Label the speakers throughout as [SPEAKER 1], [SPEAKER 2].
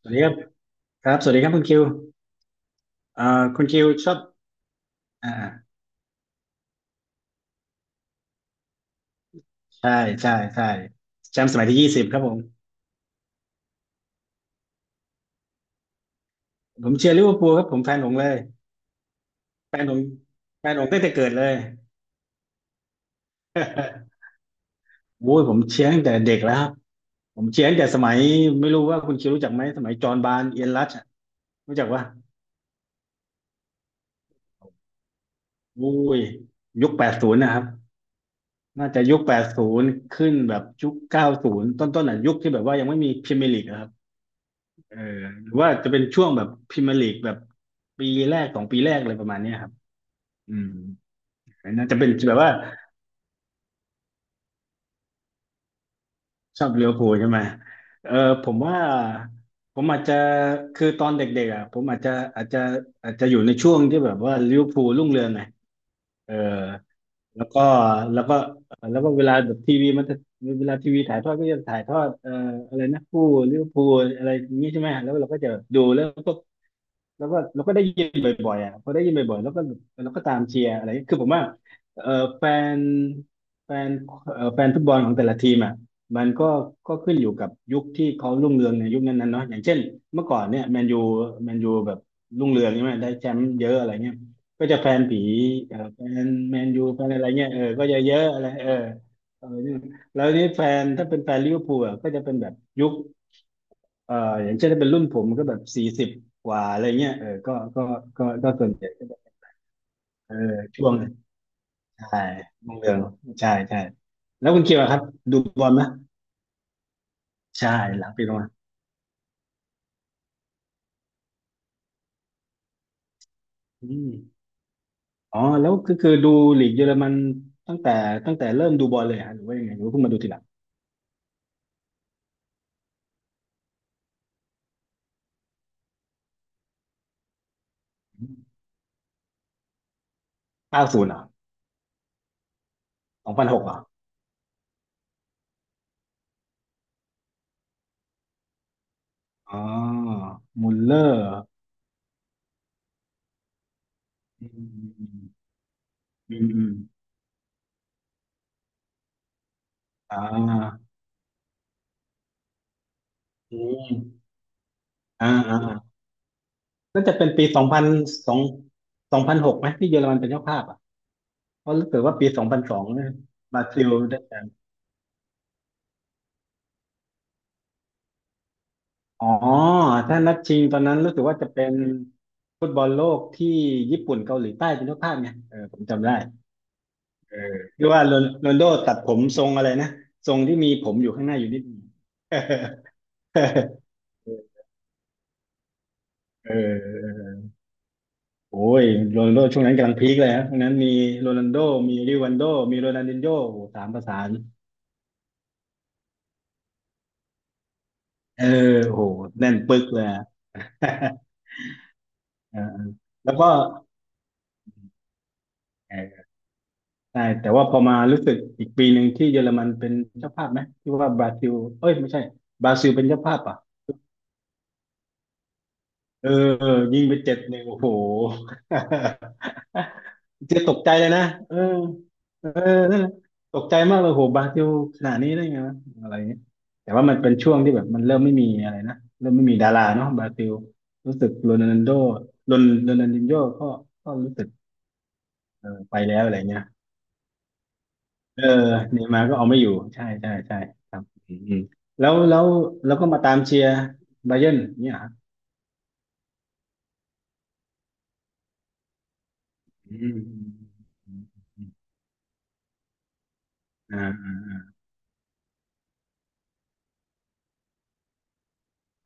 [SPEAKER 1] สวัสดีครับครับสวัสดีครับคุณคิวเอ่อคุณคิวชอบอ่าใช่ใช่ใช่แชมป์สมัยที่20ครับผมผมเชียร์ลิเวอร์พูลครับผมแฟนหงส์เลยแฟนหงส์แฟนหงส์ตั้งแต่เกิดเลยโอ้ยผมเชียร์ตั้งแต่เด็กแล้วครับผมเชียร์ตั้งแต่สมัยไม่รู้ว่าคุณคิวรู้จักไหมสมัยจอห์นบาร์นเอียนรัชอะรู้จักว่าโอ้ยยุคแปดศูนย์นะครับน่าจะยุคแปดศูนย์ขึ้นแบบยุคเก้าศูนย์ต้นๆอ่ะยุคที่แบบว่ายังไม่มีพรีเมียร์ลีก เออหรือว่าจะเป็นช่วงแบบพรีเมียร์ลีกแบบปีแรกสองปีแรกอะไรประมาณเนี้ยครับอืมอน่าจะเป็นแบบว่าชอบลิเวอร์พูลใช่ไหมเออผมว่าผมอาจจะคือตอนเด็กๆอ่ะผมอาจจะอาจจะอาจจะอยู่ในช่วงที่แบบว่าลิเวอร์พูลรุ่งเรืองไงเออแล้วก็แล้วก็แล้วก็เวลาแบบทีวีมันจะเวลาทีวีถ่ายทอดก็จะถ่ายทอดอะไรนะผู้ลิเวอร์พูลอะไรอย่างนี้ใช่ไหมแล้วเราก็จะดูแล้วก็ แล้วก็เราก็ได้ยินบ่อยๆอ่ะพอได้ยินบ่อยๆแล้วก็เราก็ตามเชียร์อะไรคือผมว่าเออแฟนแฟนแฟนฟุตบอลของแต่ละทีมอ่ะมันก็ก็ขึ้นอยู่กับยุคที่เขารุ่งเรืองในยุคนั้นๆเนาะอย่างเช่นเมื่อก่อนเนี่ยแมนยูแมนยูแบบรุ่งเรืองใช่ไหมได้แชมป์เยอะอะไรเงี้ยก็จะแฟนผีเออแฟนแมนยูแฟนอะไรเงี้ยเออก็จะเยอะอะไรเออเออแล้วนี่แฟนถ้าเป็นแฟนลิเวอร์พูลอ่ะก็จะเป็นแบบยุค เอ่ออย่างเช่นถ้าเป็นรุ่นผมก็แบบ40กว่าอะไรเงี้ยเออก็ส่วนใหญ่ก็แบบเออช่วงใช่รุ่งเรืองใช่ใช่แล้วคุณคิวอะครับดูบอลไหมใช่หลังปีลงมาอืมอ๋อแล้วก็คือดูลีกเยอรมันตั้งแต่ตั้งแต่เริ่มดูบอลเลยฮะหรือว่ายังไงหรือว่าเพิ่งมาดูทีหลังเก้าศูนย์เหรอสองพันหกเหรออ๋อมุลเลอร์อืมอืมอืมอมอ่าอืมอ่าอ่า น่าจะเป็นปี2002สองพันหกไหมที่เยอรมันเป็นเจ้าภาพอ่ะเพราะรู้สึกว่าปีสองพันสองบราซิลได้แชมป์อ๋อถ้านัดชิงตอนนั้นรู้สึกว่าจะเป็นฟุตบอลโลกที่ญี่ปุ่นเกาหลีใต้เป็นเจ้าภาพไงเออผมจำได้เออที่ว่าโรนโรนลโดตัดผมทรงอะไรนะทรงที่มีผมอยู่ข้างหน้าอยู่นิดนึง เออโอ้ยโรนัลโดช่วงนั้นกำลังพีคเลยฮะช่วงนั้นมีโรนัลโดมีริวันโดมีโรนัลดินโญ่โอ้โหสามประสาน เออโหแน่นปึกเลยอะ เออแล้วก็เออใช่แต่ว่าพอมารู้สึกอีกปีหนึ่งที่เยอรมันเป็นเจ้าภาพไหมที่ว่าบราซิลเอ้ยไม่ใช่บราซิลเป็นเจ้าภาพอ่ะเออเออยิงไป7-1โอ้โห เจะตกใจเลยนะเออเออนั่นแหละตกใจมากเลยโหบราซิลขนาดนี้ได้ไงวะอะไรเงี้ยแต่ว่ามันเป็นช่วงที่แบบมันเริ่มไม่มีอะไรนะเริ่มไม่มีดาราเนาะบราซิลรู้สึกโรนัลโดโรนโรนัลดินโญ่ก็ก็รู้สึก เออไปแล้วอะไรเงี้ยเออเนย์มาร์ก็เอาไม่อยู่ใช่ใช่ใช่ครับอืมอืมแล้วแล้วก็มาตามเชียร์ไบาเยิร์นเนี่ยเหรออืมอืมอืมอ่าอ่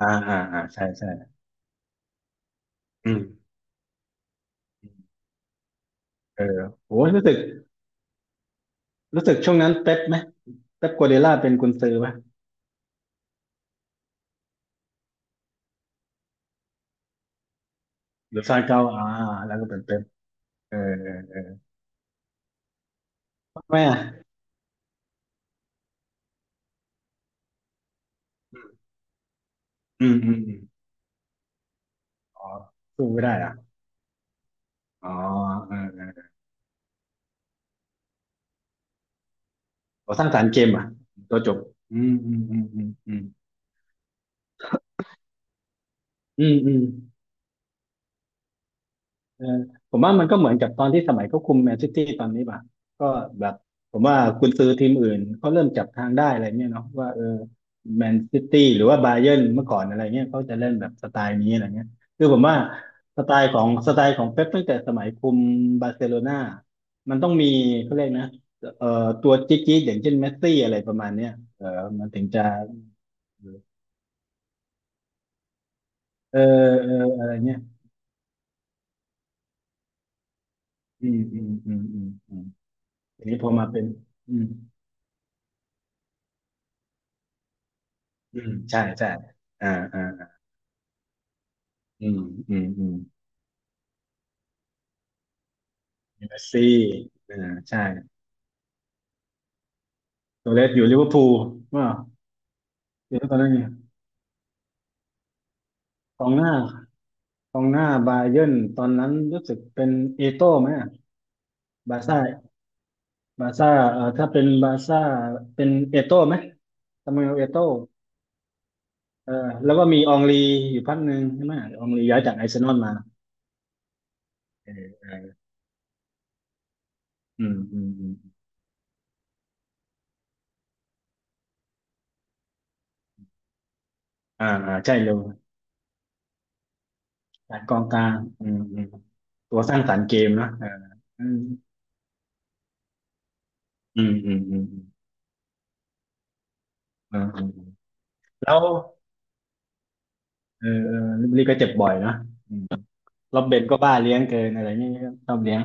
[SPEAKER 1] าอ่าอ่าอ่าใช่ ใช่อืมเออโอ้รู้สึกรู้สึกช่วงนั้นเป๊ปไหมเป๊ปกัวเดล่าเป็นกุนซือป่ะหรือซานเกาอ่าแล้วก็เป็นเป๊ปเออเออเออทำไมอ่ะอืมอืมอืมอ๋อสู้ไม่ได้อ่ะอ๋อเออเออขอสร้างสรรค์เกมอ่ะตัวจบอืมอืมอืมอืมอืมอืมอืม เออผมว่ามันก็เหมือนกับตอนที่สมัยเขาคุมแมนซิตี้ตอนนี้ป่ะก็แบบผมว่ากุนซือทีมอื่นเขาเริ่มจับทางได้อะไรเนี่ยเนาะว่าเออแมนซิตี้หรือว่าบาเยิร์นเมื่อก่อนอะไรเงี้ยเขาจะเล่นแบบสไตล์นี้อะไรเงี้ยคือผมว่าสไตล์ของเป๊ปตั้งแต่สมัยคุมบาร์เซโลนามันต้องมีเขาเรียกนะเอ่อตัวจิ๊กจิ๊กอย่างเช่นเมสซี่อะไรประมาณเนี้ยเออมันถึงจะเออเอออะไรเงี้ยอืมอืมอืมอืมอืมทีนี้พอมาเป็นอืม อืมใช่ใช่อ่าอ่าอืมอืมอืมเมสซี่อ่าใช่โซเลสอยู่ลิเวอร์พูลว่าเดี๋ยวตอนนั้นเนี่ยกองหน้ากองหน้าบาเยิร์นตอนนั้นรู้สึกเป็นเอโต้ไหมอะบาร์ซ่าบาร์ซ่าถ้าเป็นบาร์ซ่าเป็นเอโต้ไหมซามูเอลเอโต้เออแล้วก็มีอองลีอยู่พักหนึ่งใช่ไหมอองลีย้ายจากอาร์เซนอลมาเอออืมอืมอืมอ่าอ่าใช่เลยการกองกลางอืมอืมตัวสร้างสรรค์เกมเนอะเออ อืมอืมอืมอืมอาอาอ่าแล้วเออเออลิลลี่ก็เจ็บบ่อยนะอืมแล้วเบนก็บ้าเลี้ยงเกินอะไรเงี้ยชอบเลี้ยง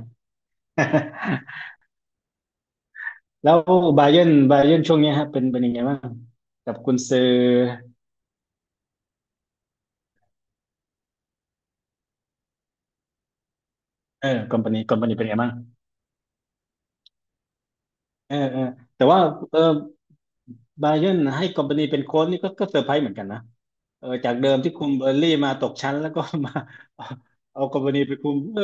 [SPEAKER 1] แล้วบาเยิร์นบาเยิร์นช่วงเนี้ยฮะเป็นเป็นยังไงบ้างกับกุนซือเออคอมพานีคอมพานีเป็นยังไงบ้างเออเออแต่ว่าเออบาเยิร์นให้คอมพานีเป็นโค้ชนี่ก็ก็เซอร์ไพรส์เหมือนกันนะเออจากเดิมที่คุมเบอร์นลี่มาตกชั้นแล้วก็มาเอาเอาคอมพานีไปคุมเออ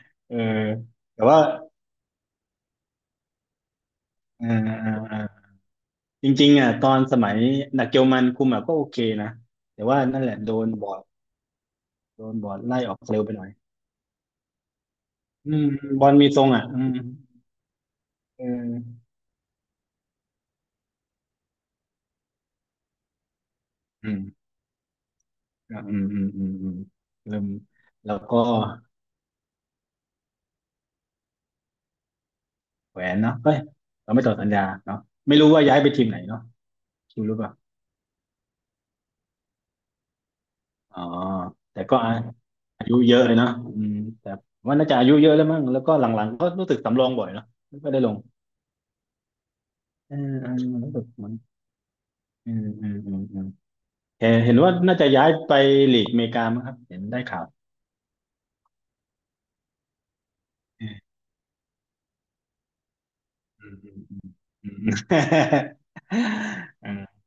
[SPEAKER 1] เออแต่ว่าเออเออ จริงๆอ่ะตอนสมัยนักเกลมันคุมอ่ะก็โอเคนะแต่ว่านั่นแหละโดนบอร์ดโดนบอร์ดไล่ออกเร็วไปหน่อยอืมบอลมีทรงอ่ะอืมเอออืมอะอืมอืมอืมอืมเริ่มแล้วก็แหวนเนาะเฮ้ยเราไม่ต่อสัญญาเนาะไม่รู้ว่าย้ายไปทีมไหนเนาะคิวรู้ป่ะอ๋อแต่ก็อายุเยอะเลยเนาะอืมแต่ว่าน่าจะอายุเยอะแล้วมั้งแล้วก็หลังๆก็รู้สึกสำรองบ่อยเนาะไม่ค่อยได้ลงเออเออรู้สึกเหมือนอืมอืมอืมอืม เห็นเห็นว่าน่าจะย้ายไปลีกอเมริกามั้งครับเห็นได้ข่าวเอออืมอืมอืมอืา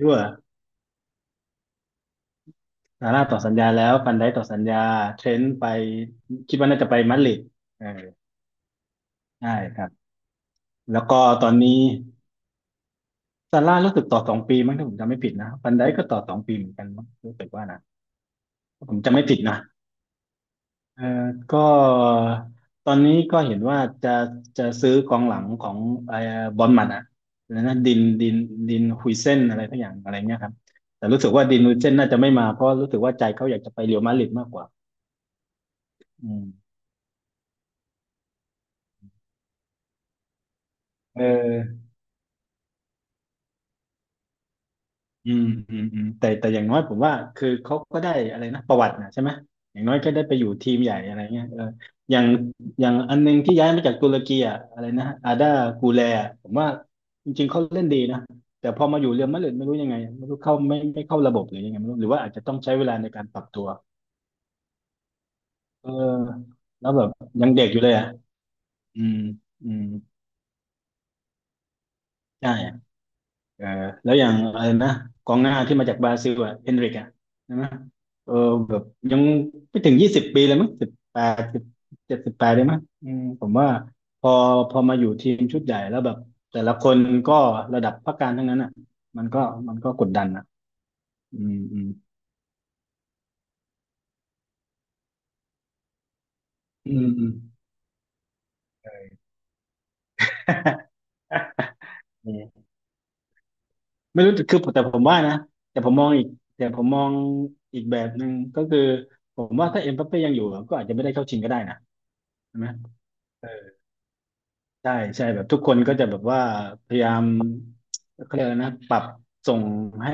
[SPEAKER 1] ยั่วซาร่าต่อสัญญาแล้วฟันไดต่อสัญญาเทรนต์ไปคิดว่าน่าจะไปมาดริดเออใช่ครับแล้วก็ตอนนี้ซาร่ารู้สึกต่อสองปีมั้งถ้าผมจำไม่ผิดนะฟันไดก็ต่อสองปีเหมือนกันมั้งรู้สึกว่านะถ้าผมจำไม่ผิดนะ เอ่อก็ตอนนี้ก็เห็นว่าจะจะซื้อกองหลังของไอ้บอร์นมัดอะแล้วนะดินดินดินฮุยเซนอะไรทักอย่างอะไรเงี้ยครับแต่รู้สึกว่าดินฮุยเซนน่าจะไม่มาเพราะรู้สึกว่าใจเขาอยากจะไปเรอัลมาดริดมากกว่าอืมเออ อืมอืมอืมแต่แต่อย่างน้อยผมว่าคือเขาก็ได้อะไรนะประวัตินะใช่ไหมอย่างน้อยก็ได้ไปอยู่ทีมใหญ่อะไรเงี้ยเอออย่างอย่างอันนึงที่ย้ายมาจากตุรกีอ่ะอะไรนะอาดากูแลอะผมว่าจริงๆเขาเล่นดีนะแต่พอมาอยู่เรอัลมาดริดไม่รู้ยังไงไม่รู้เข้าไม่ไม่เข้าระบบหรือยังไงไม่รู้หรือว่าอาจจะต้องใช้เวลาในการปรับตัวเออแล้วแบบยังเด็กอยู่เลยอ่ะอืมอืมใช่ เออแล้วอย่างอะไรนะกองหน้าที่มาจากบราซิลอ่ะเฮนริกอ่ะใช่ไหมเออแบบยังไม่ถึง20 ปีเลยมั้ง18 17 18ได้มั้งอืมผมว่าพอพอมาอยู่ทีมชุดใหญ่แล้วแบบแต่ละคนก็ระดับพักการทั้งนั้นอ่ะมันก็มันก็กดดันอ่ะอืมอืมอืมอืมเออ ไม่รู้คือแต่ผมว่านะแต่ผมมองอีกแต่ผมมองอีกแบบหนึ่งก็คือผมว่าถ้าเอ็มบัปเป้ยังอยู่ก็อาจจะไม่ได้เข้าชิงก็ได้นะใช่ไหม ใช่ใช่แบบทุกคนก็จะแบบว่าพยายามเขาเรียกอะไรนะปรับส่งให้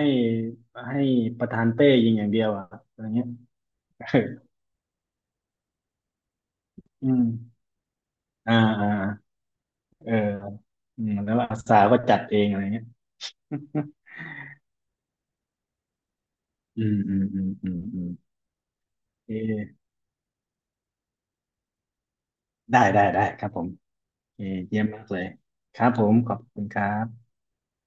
[SPEAKER 1] ให้ประธานเป้ยิงอย่างเดียวอะอะไรเงี้ย เอออืมอ่าอ่าเอออืมแล้วอาสาก็จัดเองอะไรเงี้ย อืมอืมอืมอืมอืมเออได้ได้ได้ครับผมเออเยี่ยมมากเลยครับผมขอบคุณครับ